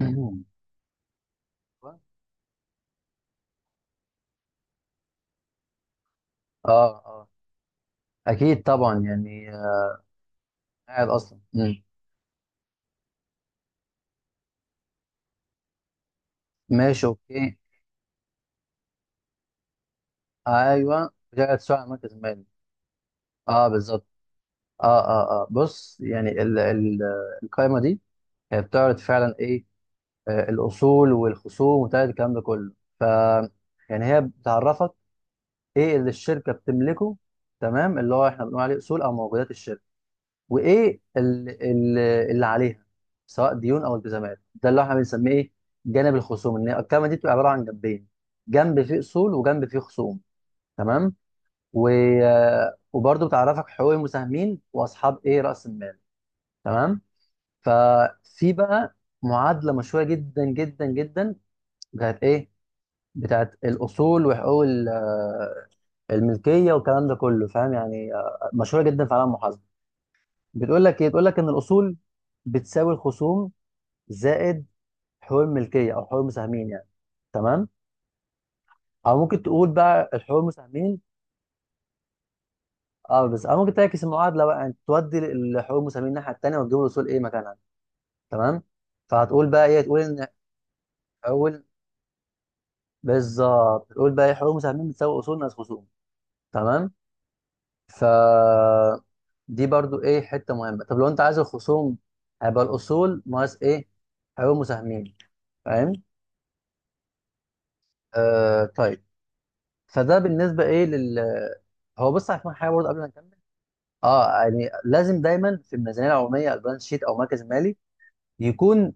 مم. اه اه اكيد طبعا يعني قاعد اصلا ماشي اوكي. ايوه، بتاعت سؤال عن مركز المال. اه بالظبط. اه بص، يعني ال ال القائمه دي هي بتعرض فعلا ايه؟ الاصول والخصوم وبتاع الكلام ده كله. ف يعني هي بتعرفك ايه اللي الشركه بتملكه، تمام، اللي هو احنا بنقول عليه اصول او موجودات الشركه، وايه اللي عليها سواء ديون او التزامات، ده اللي احنا بنسميه ايه، جانب الخصوم. ان هي الكلمه دي بتبقى عباره عن جنبين، جنب فيه اصول وجنب فيه خصوم. تمام. و... وبرضه بتعرفك حقوق المساهمين واصحاب ايه، راس المال. تمام. ففي بقى معادله مشهوره جدا جدا جدا، بتاعت ايه، بتاعت الاصول وحقوق الملكيه والكلام ده كله، فاهم؟ يعني مشهوره جدا في عالم المحاسبه. بتقول لك ايه، بتقول لك ان الاصول بتساوي الخصوم زائد حقوق الملكيه او حقوق المساهمين يعني. تمام. او ممكن تقول بقى الحقوق المساهمين. اه بس او ممكن تعكس المعادله بقى، يعني تودي الحقوق المساهمين الناحيه التانيه وتجيب الاصول ايه مكانها. تمام. فهتقول بقى ايه، تقول ان اول، بالظبط، تقول بقى ايه، حقوق المساهمين بتساوي اصول ناقص خصوم. تمام. ف دي برضو ايه، حته مهمه. طب لو انت عايز الخصوم، هيبقى الاصول ناقص ايه، حقوق المساهمين. فاهم؟ آه طيب. فده بالنسبه ايه لل، هو بص عشان حاجه برضه قبل ما نكمل. اه يعني لازم دايما في الميزانيه العموميه او البالانس شيت او مركز مالي، يكون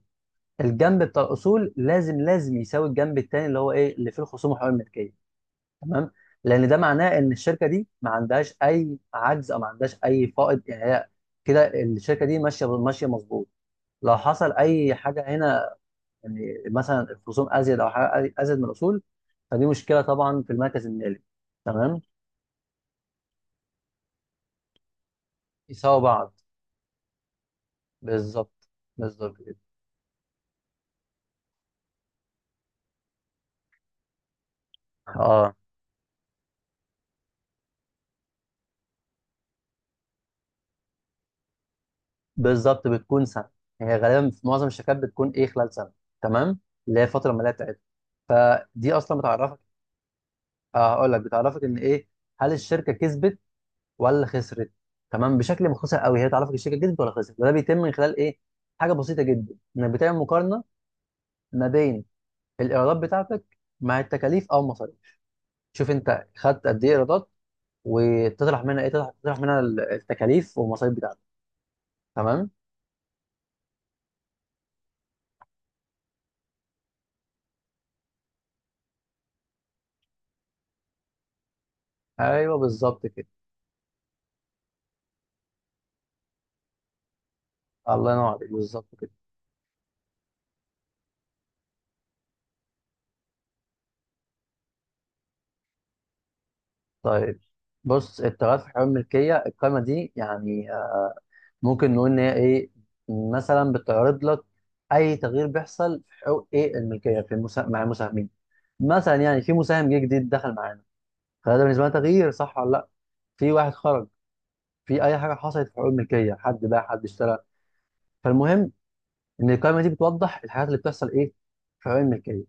الجنب بتاع الاصول لازم لازم يساوي الجنب الثاني اللي هو ايه، اللي فيه الخصوم وحقوق الملكيه. تمام. لان ده معناه ان الشركه دي ما عندهاش اي عجز او ما عندهاش اي فائض، يعني هي كده الشركه دي ماشيه ماشيه مظبوط. لو حصل اي حاجه هنا، يعني مثلا الخصوم ازيد او حاجه ازيد من الاصول، فدي مشكله طبعا في المركز المالي. تمام، يساوي بعض. بالظبط. بالظبط كده. اه بالظبط بتكون سنه، هي غالبا في معظم الشركات بتكون ايه، خلال سنه. تمام، اللي هي الفتره الماليه بتاعتها. فدي اصلا بتعرفك، هقول لك، بتعرفك ان ايه، هل الشركه كسبت ولا خسرت. تمام، بشكل مختصر قوي هي بتعرفك الشركه كسبت ولا خسرت، وده بيتم من خلال ايه، حاجه بسيطه جدا، انك بتعمل مقارنه ما بين الايرادات بتاعتك مع التكاليف او المصاريف. شوف انت خدت قد ايه ايرادات، وتطرح منها ايه، تطرح منها التكاليف والمصاريف بتاعتك. تمام. ايوه بالظبط كده. الله ينور عليك، بالظبط كده. طيب بص، التغيرات في حمل الملكية، القائمة دي يعني ممكن نقول إن هي إيه، مثلا بتعرض لك أي تغيير بيحصل في حقوق إيه، الملكية في مع المساهمين. مثلا يعني في مساهم جه جديد دخل معانا، فده بالنسبة لنا تغيير صح ولا لأ؟ في واحد خرج، في أي حاجة حصلت في حقوق الملكية، حد باع حد اشترى. فالمهم إن القائمة دي بتوضح الحاجات اللي بتحصل إيه، في حقوق الملكية.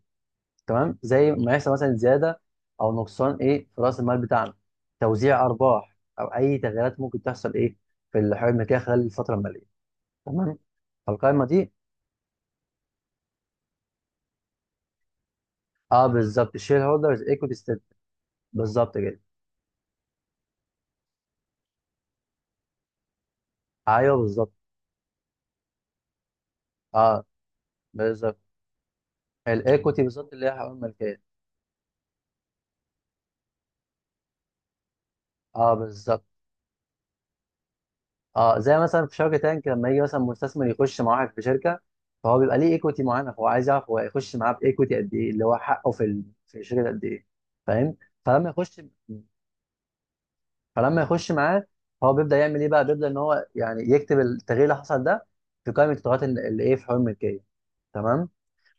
تمام، زي ما يحصل مثلا زياده او نقصان ايه، في راس المال بتاعنا، توزيع ارباح او اي تغييرات ممكن تحصل ايه، في الحوالي الملكيه خلال الفتره الماليه. تمام. فالقائمه دي، اه بالظبط، الشير هولدرز ايكوتي ستيت، بالظبط كده. ايوه بالظبط. اه بالظبط، الايكوتي بالظبط اللي هي حقوق الملكيه. اه بالظبط. اه، زي مثلا في شركه تانك، لما يجي مثلا مستثمر يخش مع واحد في شركه، فهو بيبقى ليه ايكوتي معينه، هو عايز يعرف هو هيخش معاه بايكوتي قد ايه، اللي هو حقه في في الشركه قد ايه. فاهم؟ فلما يخش فلما يخش معاه، هو بيبدا يعمل ايه بقى، بيبدا ان هو يعني يكتب التغيير اللي حصل ده في قائمه التغيرات اللي ايه، في حوار الملكيه. تمام.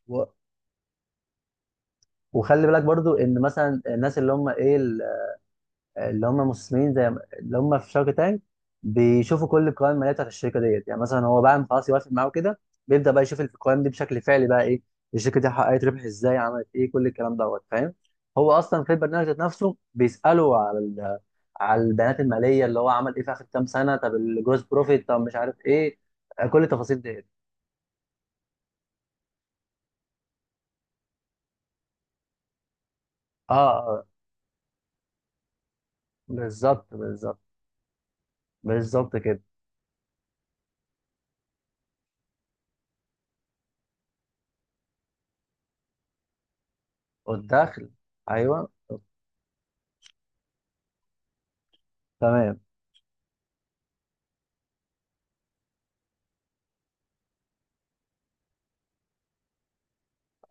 و- وخلي بالك برضو ان مثلا الناس اللي هم ايه، اللي هم مسلمين زي اللي هم في شارك تانك، بيشوفوا كل القوائم الماليه بتاعت الشركه ديت، يعني مثلا هو بعد ما خلاص يوافق معاه كده، بيبدا بقى يشوف القوائم دي بشكل فعلي بقى ايه، الشركه دي حققت ربح ازاي، عملت ايه، كل الكلام دوت، فاهم؟ هو اصلا في البرنامج ذات نفسه بيساله على على البيانات الماليه، اللي هو عمل ايه في اخر كام سنه، طب الجروس بروفيت، طب مش عارف ايه، كل التفاصيل ديت. اه آه، بالظبط بالظبط. بالظبط كده. والدخل، ايوه. تمام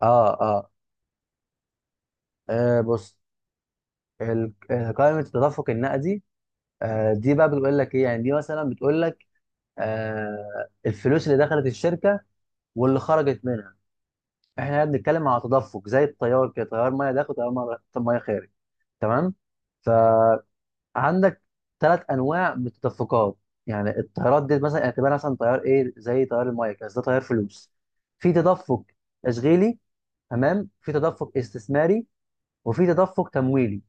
اه اه بص، قائمة التدفق النقدي، دي بقى بتقول لك ايه، يعني دي مثلا بتقول لك الفلوس اللي دخلت الشركة واللي خرجت منها. احنا هنا بنتكلم على تدفق زي التيار كده، تيار ميه داخل، تيار ميه، مية خارج. تمام. فعندك ثلاث انواع من التدفقات، يعني التيارات دي مثلا يعني اعتبرها مثلا تيار ايه، زي تيار الميه كده، بس ده تيار فلوس. في تدفق تشغيلي، تمام، في تدفق استثماري، وفي تدفق تمويلي.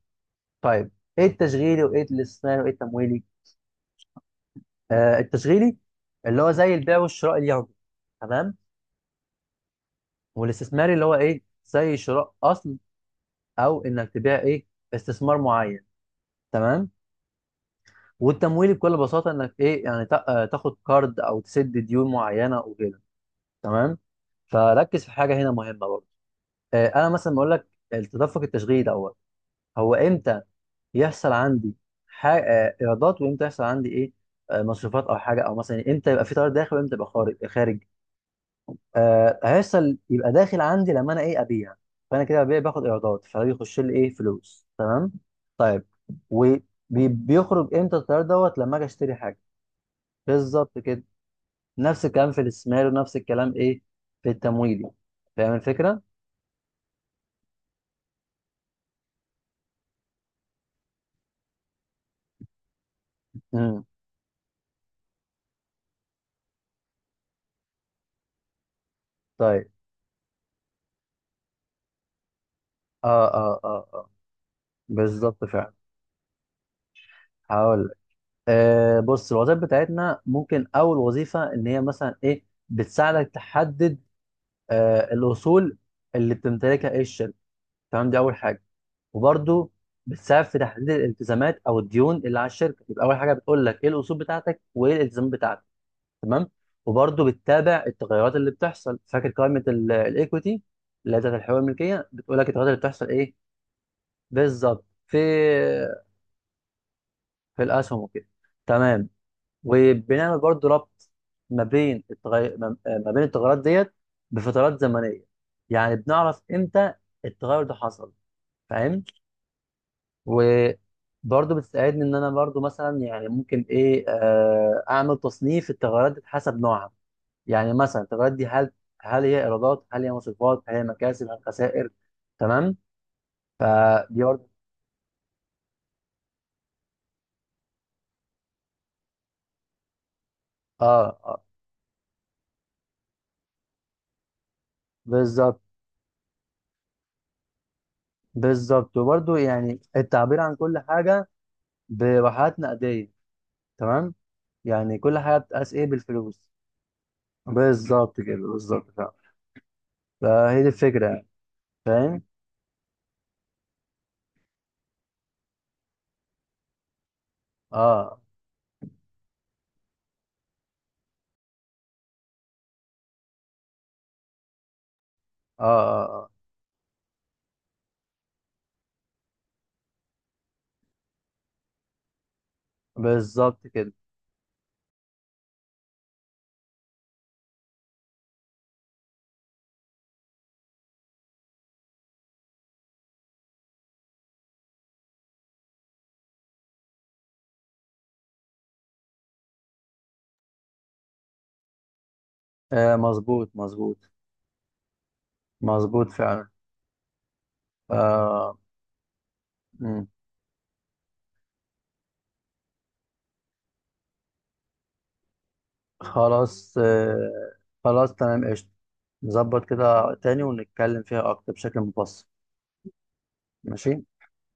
طيب، ايه التشغيلي وايه الاستثماري وايه التمويلي؟ التشغيلي اللي هو زي البيع والشراء اليومي. تمام. والاستثماري اللي هو ايه، زي شراء اصل او انك تبيع ايه، استثمار معين. تمام. والتمويلي بكل بساطه انك ايه يعني تاخد كارد او تسد ديون معينه وكده. تمام. فركز في حاجه هنا مهمه برضه. انا مثلا بقول لك التدفق التشغيلي دوت، هو امتى يحصل عندي ايرادات، وامتى يحصل عندي ايه مصروفات او حاجه، او مثلا امتى يبقى في تيار داخل وامتى يبقى خارج. آه هيحصل، يبقى داخل عندي لما انا ايه، ابيع. فانا كده ببيع باخد ايرادات، فبيخش لي ايه، فلوس. تمام. طيب، وبيخرج امتى التيار دوت، لما اجي اشتري حاجه. بالظبط كده. نفس الكلام في الاستثمار، ونفس الكلام ايه، في التمويل. فاهم الفكره؟ امم طيب. اه بالظبط فعلا. هقول لك، آه بص، الوظائف بتاعتنا، ممكن اول وظيفه ان هي مثلا ايه، بتساعدك تحدد آه الاصول اللي بتمتلكها ايه، الشركه. تمام، دي اول حاجه. وبرده بتساعد في تحديد الالتزامات او الديون اللي على الشركه. يبقى اول حاجه بتقول لك ايه الاصول بتاعتك وايه الالتزامات بتاعتك. تمام. وبرده بتتابع التغيرات اللي بتحصل، فاكر قائمه الايكويتي اللي هي بتاعت الحقوق الملكيه، بتقول لك التغيرات اللي بتحصل ايه، بالظبط، في الاسهم وكده. تمام. وبنعمل برضه ربط ما بين التغير، ما بين التغيرات ديت بفترات زمنيه، يعني بنعرف امتى التغير ده حصل. فاهم؟ وبرضه بتساعدني ان انا برضه مثلا يعني ممكن ايه، اعمل تصنيف التغيرات دي حسب نوعها، يعني مثلا التغيرات دي هل، هل هي ايرادات، هل هي مصروفات، هل هي مكاسب، هل خسائر. تمام. دي برضه اه، بالظبط بالظبط. وبرضه يعني التعبير عن كل حاجه بواحات نقديه. تمام، يعني كل حاجه بتقاس ايه، بالفلوس. بالظبط كده، بالظبط فعلا. فهي دي الفكره يعني. فاهم؟ اه اه اه, آه. بالظبط كده. آه مظبوط مظبوط. مظبوط فعلا. آه. مم. خلاص آه، خلاص تمام قشطة. نظبط كده تاني ونتكلم فيها أكتر بشكل مبسط. ماشي.